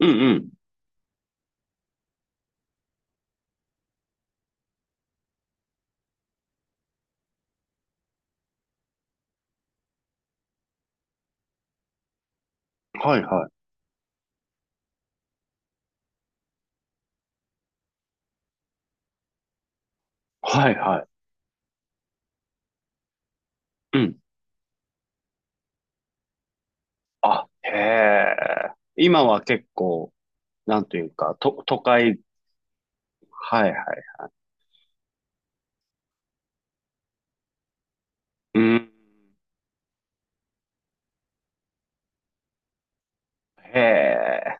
うんうん。はいはい。はいはい。うん。あ、へえ。今は結構、なんというか、都会、はいはい。うん。へえ。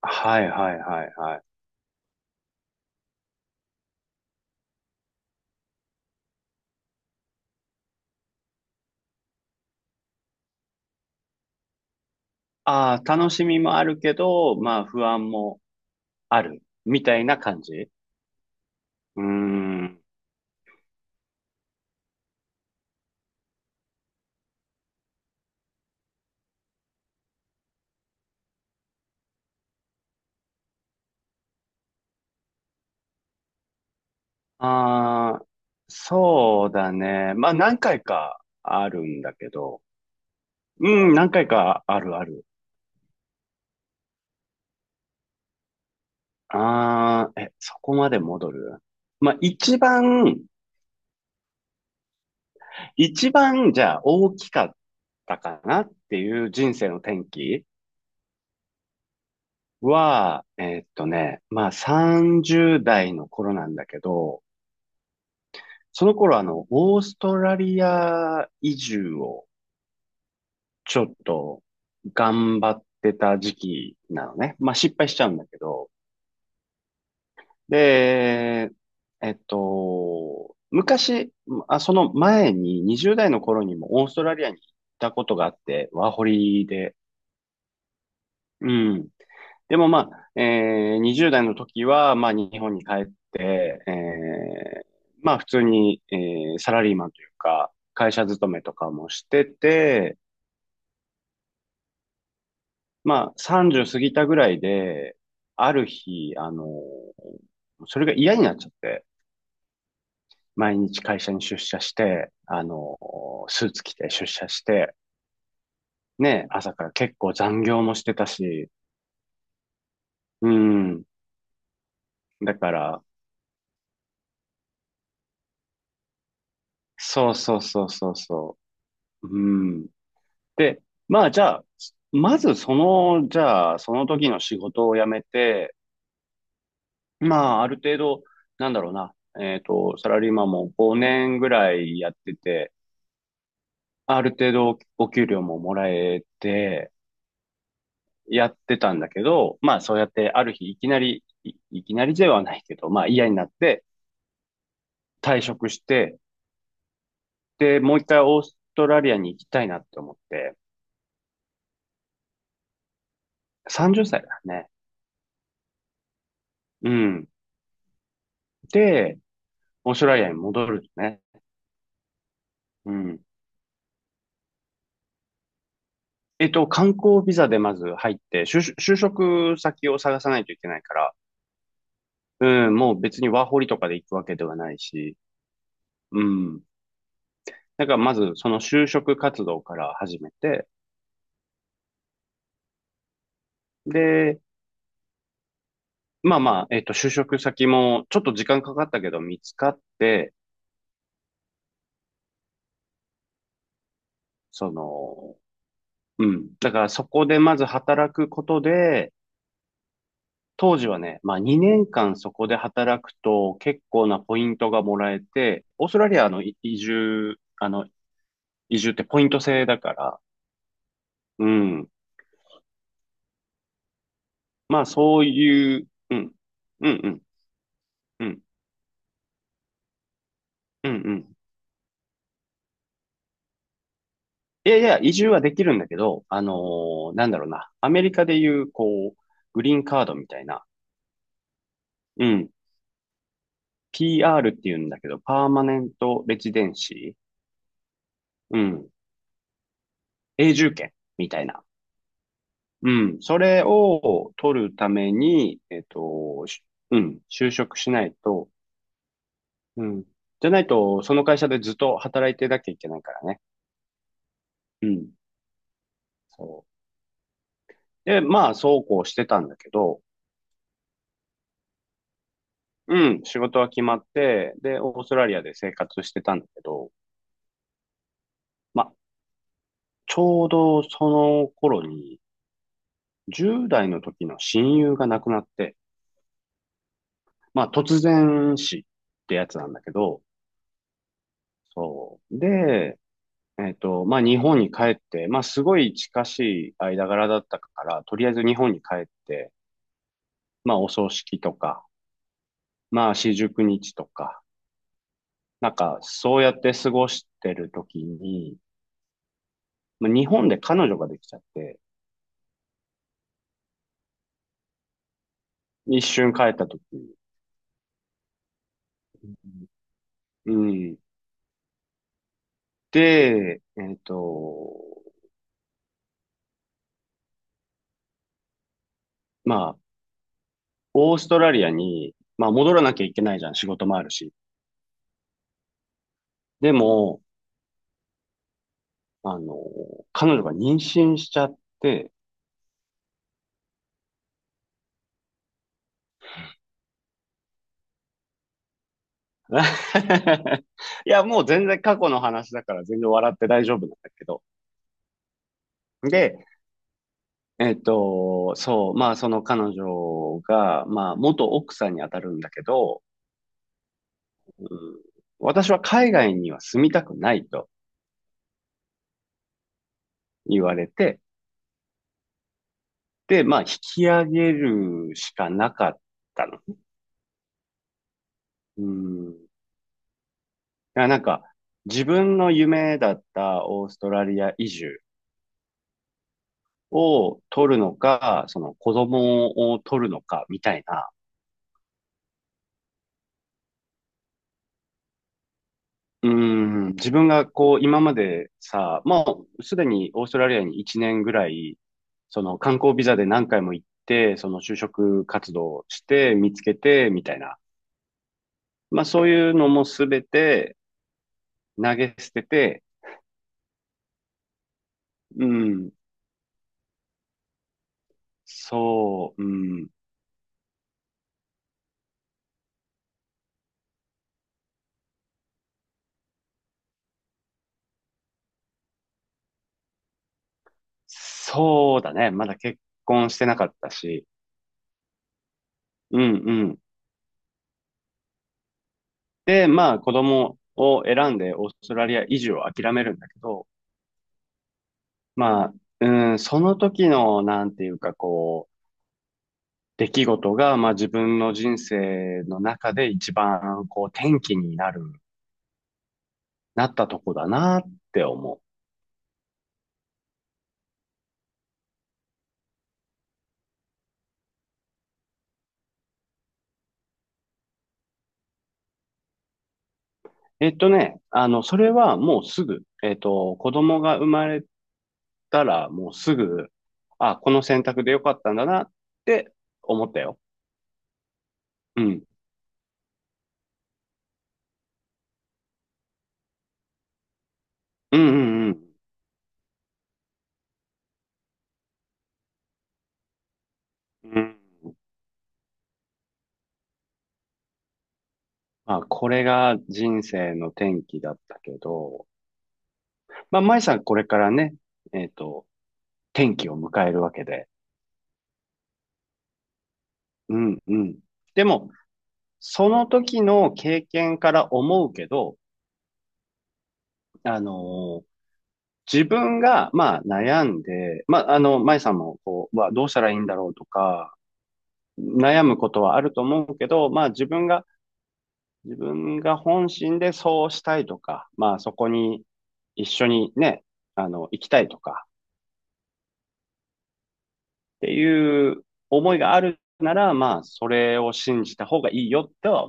はいはいはいはい。ああ、楽しみもあるけど、まあ不安もある。みたいな感じ。うーん。ああ、そうだね。まあ何回かあるんだけど。うん、何回かあるある。ああ、え、そこまで戻る？まあ一番一番、じゃあ、大きかったかなっていう人生の転機は、まあ、30代の頃なんだけど、その頃、オーストラリア移住をちょっと頑張ってた時期なのね。まあ、失敗しちゃうんだけど。で、昔、まあ、その前に20代の頃にもオーストラリアに行ったことがあって、ワーホリで。うん。でもまあ、20代の時は、まあ、日本に帰って、まあ、普通に、サラリーマンというか、会社勤めとかもしてて、まあ、30過ぎたぐらいで、ある日、それが嫌になっちゃって、毎日会社に出社して、スーツ着て出社して、ね、朝から結構残業もしてたし、うん。だから、そうそうそうそうそう、うん。で、まあじゃあ、まずその、じゃあ、その時の仕事を辞めて、まあある程度、なんだろうな、サラリーマンも5年ぐらいやってて、ある程度お給料ももらえて、やってたんだけど、まあそうやってある日いきなり、いきなりではないけど、まあ嫌になって退職して、で、もう一回オーストラリアに行きたいなって思って、30歳だね。うん。で、オーストラリアに戻るね。うん。観光ビザでまず入って、就職先を探さないといけないから、うん、もう別にワーホリとかで行くわけではないし、うん。だからまずその就職活動から始めて、で、まあまあ、就職先もちょっと時間かかったけど見つかって、その、うん。だからそこでまず働くことで、当時はね、まあ2年間そこで働くと結構なポイントがもらえて、オーストラリアの移住、移住ってポイント制だから、うん。まあそういう、うん、うん、うん、うん、うん、うん。いやいや、移住はできるんだけど、なんだろうな。アメリカでいう、こう、グリーンカードみたいな、うん。PR って言うんだけど、パーマネントレジデンシー、うん。永住権みたいな。うん。それを取るために、うん。就職しないと、うん。じゃないと、その会社でずっと働いてなきゃいけないからね。うん。そう。で、まあ、そうこうしてたんだけど、うん、仕事は決まって、で、オーストラリアで生活してたんだけど、まあ、ちょうどその頃に、10代の時の親友が亡くなって、まあ、突然死ってやつなんだけど、そう。で、まあ、日本に帰って、まあ、すごい近しい間柄だったから、とりあえず日本に帰って、まあ、お葬式とか、まあ、四十九日とか、なんか、そうやって過ごしてる時に、まあ日本で彼女ができちゃって、一瞬帰った時に、うん。で、まあ、オーストラリアに、まあ、戻らなきゃいけないじゃん、仕事もあるし。でも、あの、彼女が妊娠しちゃって、いや、もう全然過去の話だから全然笑って大丈夫なんだけど。で、そう、まあ、その彼女が、まあ、元奥さんに当たるんだけど、うん。私は海外には住みたくないと言われて、で、まあ、引き上げるしかなかったの。うん。だからなんか、自分の夢だったオーストラリア移住を取るのか、その子供を取るのか、みたいな。うん。自分がこう、今までさ、もうすでにオーストラリアに1年ぐらい、その観光ビザで何回も行って、その就職活動して、見つけて、みたいな。まあそういうのもすべて投げ捨てて、うん、そう、うん、そうだね。まだ結婚してなかったし、うんうん。で、まあ子供を選んでオーストラリア移住を諦めるんだけど、まあ、うん、その時の、なんていうかこう、出来事が、まあ自分の人生の中で一番こう転機になる、なったとこだなって思う。それはもうすぐ、子供が生まれたらもうすぐ、あ、この選択でよかったんだなって思ったよ。うん。うんうんうん。うん。まあ、これが人生の転機だったけど、まあ、舞さんこれからね、えっと、転機を迎えるわけで。うんうん。でも、その時の経験から思うけど、あの自分が、まあ、悩んで、まあ、舞さんも、こう、はどうしたらいいんだろうとか、悩むことはあると思うけど、まあ、自分が本心でそうしたいとか、まあ、そこに一緒にね、行きたいとか、っていう思いがあるなら、まあ、それを信じた方がいいよっては、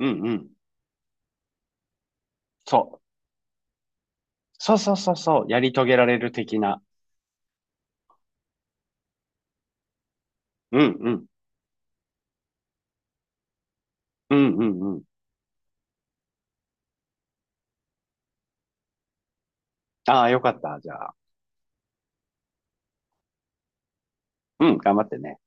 うんうん、そう。そうそうそうそう、やり遂げられる的な。うんうん、うんうんうん。ああ、よかった、じゃあ。うん、頑張ってね。